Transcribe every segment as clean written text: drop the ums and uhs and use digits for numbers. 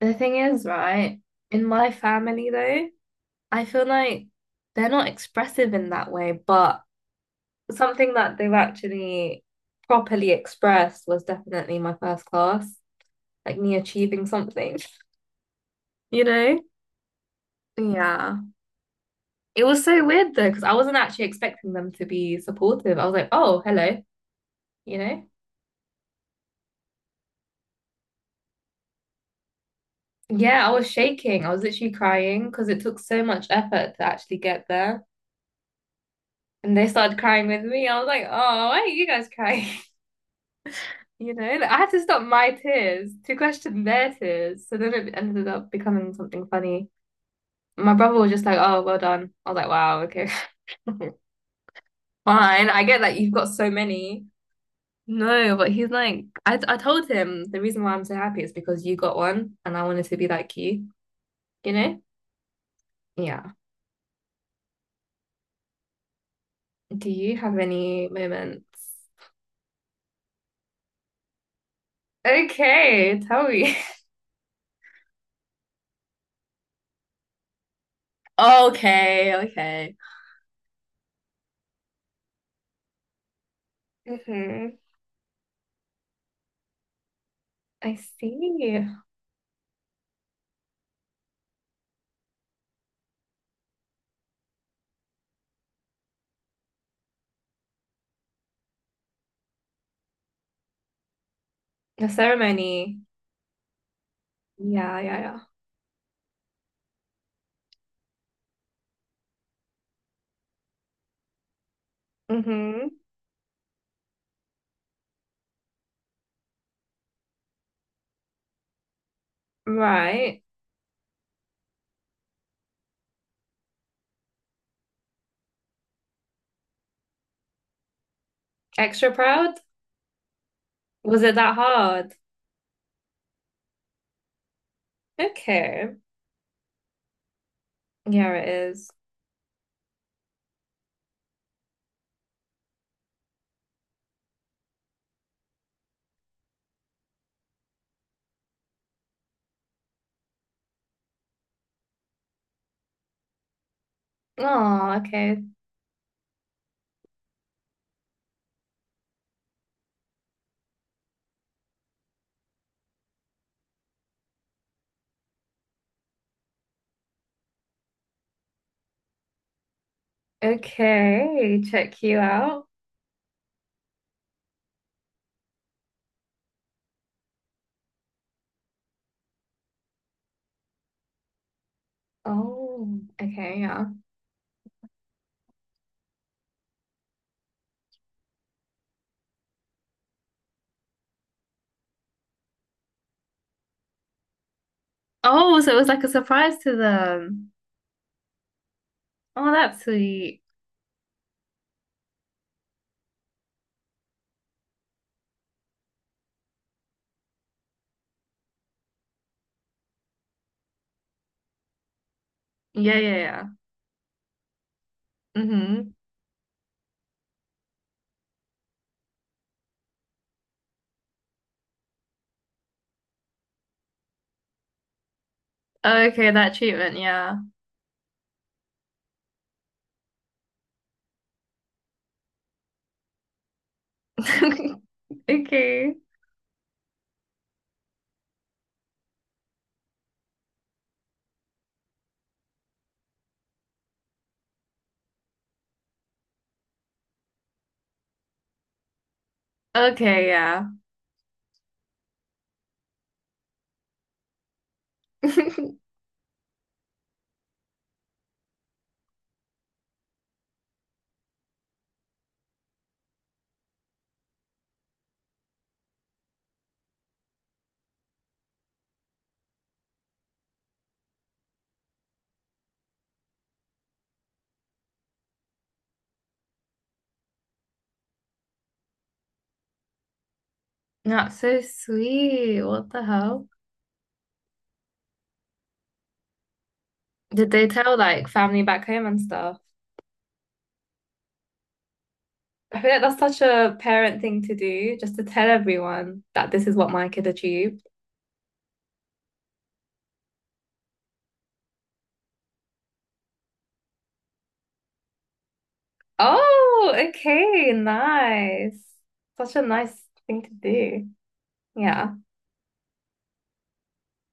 The thing is, right, in my family though, I feel like they're not expressive in that way, but something that they've actually properly expressed was definitely my first class, like me achieving something, you know? Yeah. It was so weird though, because I wasn't actually expecting them to be supportive. I was like, oh, hello, you know? Yeah, I was shaking. I was literally crying because it took so much effort to actually get there. And they started crying with me. I was like, oh, why are you guys crying? You know, like, I had to stop my tears to question their tears. So then it ended up becoming something funny. My brother was just like, oh, well done. I was like, wow, okay. Fine. I get that you've got so many. No, but he's like, I told him the reason why I'm so happy is because you got one and I wanted to be like you know? Yeah. Do you have any moments? Okay, tell me. Okay, okay. Hmm. I see. The ceremony. Yeah, yeah, yeah. Mm-hmm. Right. Extra proud? Was it that hard? Okay. Yeah, it is. Oh, okay. Okay. Check you out. Oh, okay, yeah. Oh, so it was like a surprise to them. Oh, that's sweet. Yeah, yeah, yeah. Mm-hmm. Okay, that treatment, yeah. Okay. Okay, yeah. That's so sweet. What the hell? Did they tell like family back home and stuff? I feel like that's such a parent thing to do, just to tell everyone that this is what my kid achieved. Oh, okay, nice. Such a nice thing to do. Yeah.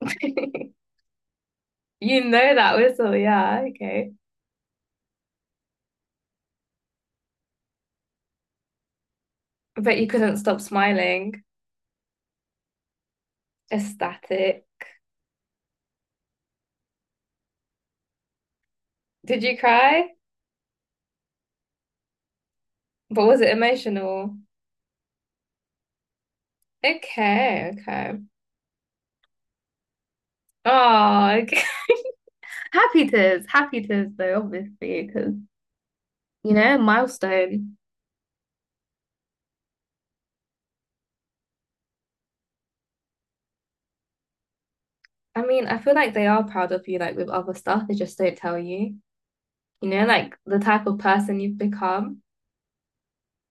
You know that whistle, yeah, okay. But you couldn't stop smiling. Ecstatic. Did you cry? But was it emotional? Okay, okay. Oh, okay. Happy tears though, obviously, because you know, milestone. I mean, I feel like they are proud of you, like with other stuff, they just don't tell you. You know, like the type of person you've become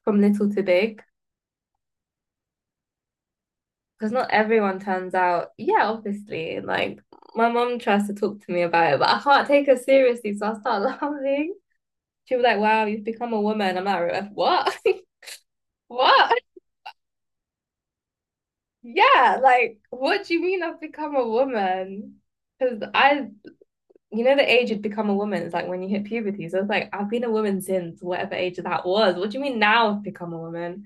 from little to big. Because not everyone turns out, yeah, obviously. Like my mom tries to talk to me about it, but I can't take her seriously, so I start laughing. She was like, "Wow, you've become a woman." I'm like, "What? What? Yeah, like what do you mean I've become a woman?" Because I, you know, the age you'd become a woman is like when you hit puberty. So it's like I've been a woman since whatever age that was. What do you mean now I've become a woman?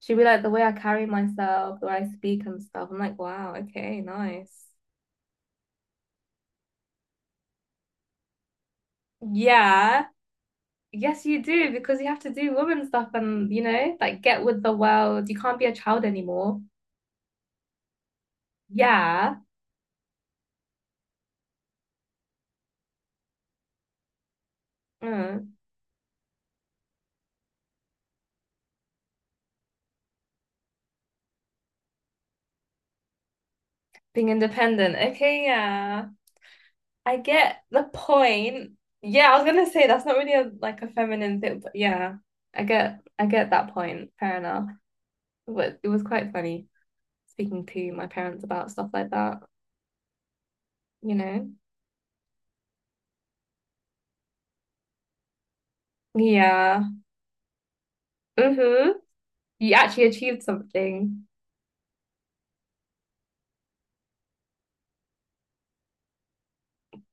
She'd be like the way I carry myself, the way I speak and stuff. I'm like, wow, okay, nice. Yeah. Yes, you do, because you have to do woman stuff and you know, like get with the world. You can't be a child anymore. Yeah. Mm. Being independent. Okay, yeah. I get the point. Yeah, I was gonna say that's not really a like a feminine thing, but yeah, I get that point. Fair enough. But it was quite funny speaking to my parents about stuff like that, you know? Yeah. Mm-hmm. You actually achieved something.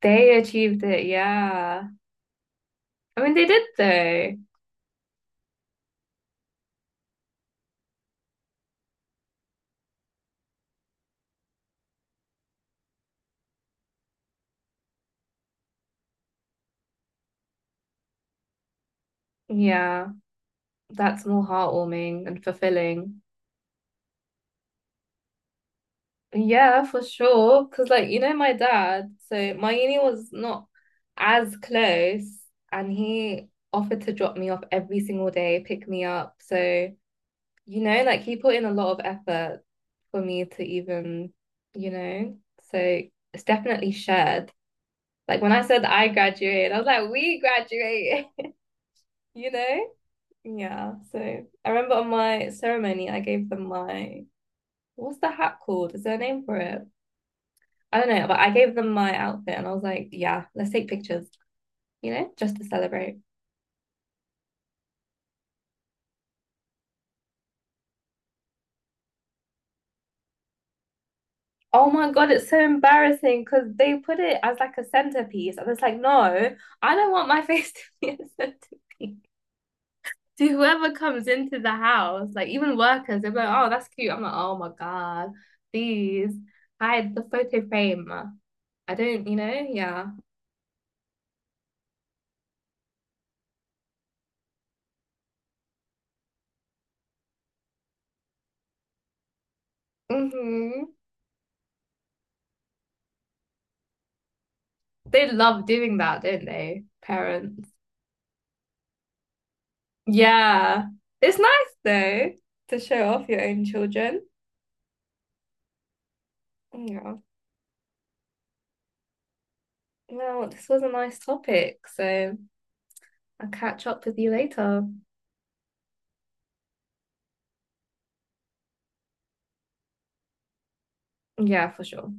They achieved it, yeah. I mean they did though. Yeah. That's more heartwarming and fulfilling. Yeah, for sure. Because, like, you know, my dad, so my uni was not as close, and he offered to drop me off every single day, pick me up. So, you know, like, he put in a lot of effort for me to even, you know, so it's definitely shared. Like, when I said I graduated, I was like, we graduated, you know? Yeah. So, I remember on my ceremony, I gave them my, what's the hat called? Is there a name for it? I don't know, but I gave them my outfit and I was like, yeah, let's take pictures, you know, just to celebrate. Oh my God, it's so embarrassing because they put it as like a centerpiece. I was like, no, I don't want my face to be a centerpiece. To whoever comes into the house, like even workers, they're like, oh, that's cute. I'm like, oh my God, please hide the photo frame. I don't, you know, yeah. Hmm. They love doing that, don't they, parents? Yeah. It's nice though to show off your own children. Yeah. Well, this was a nice topic, so I'll catch up with you later. Yeah, for sure.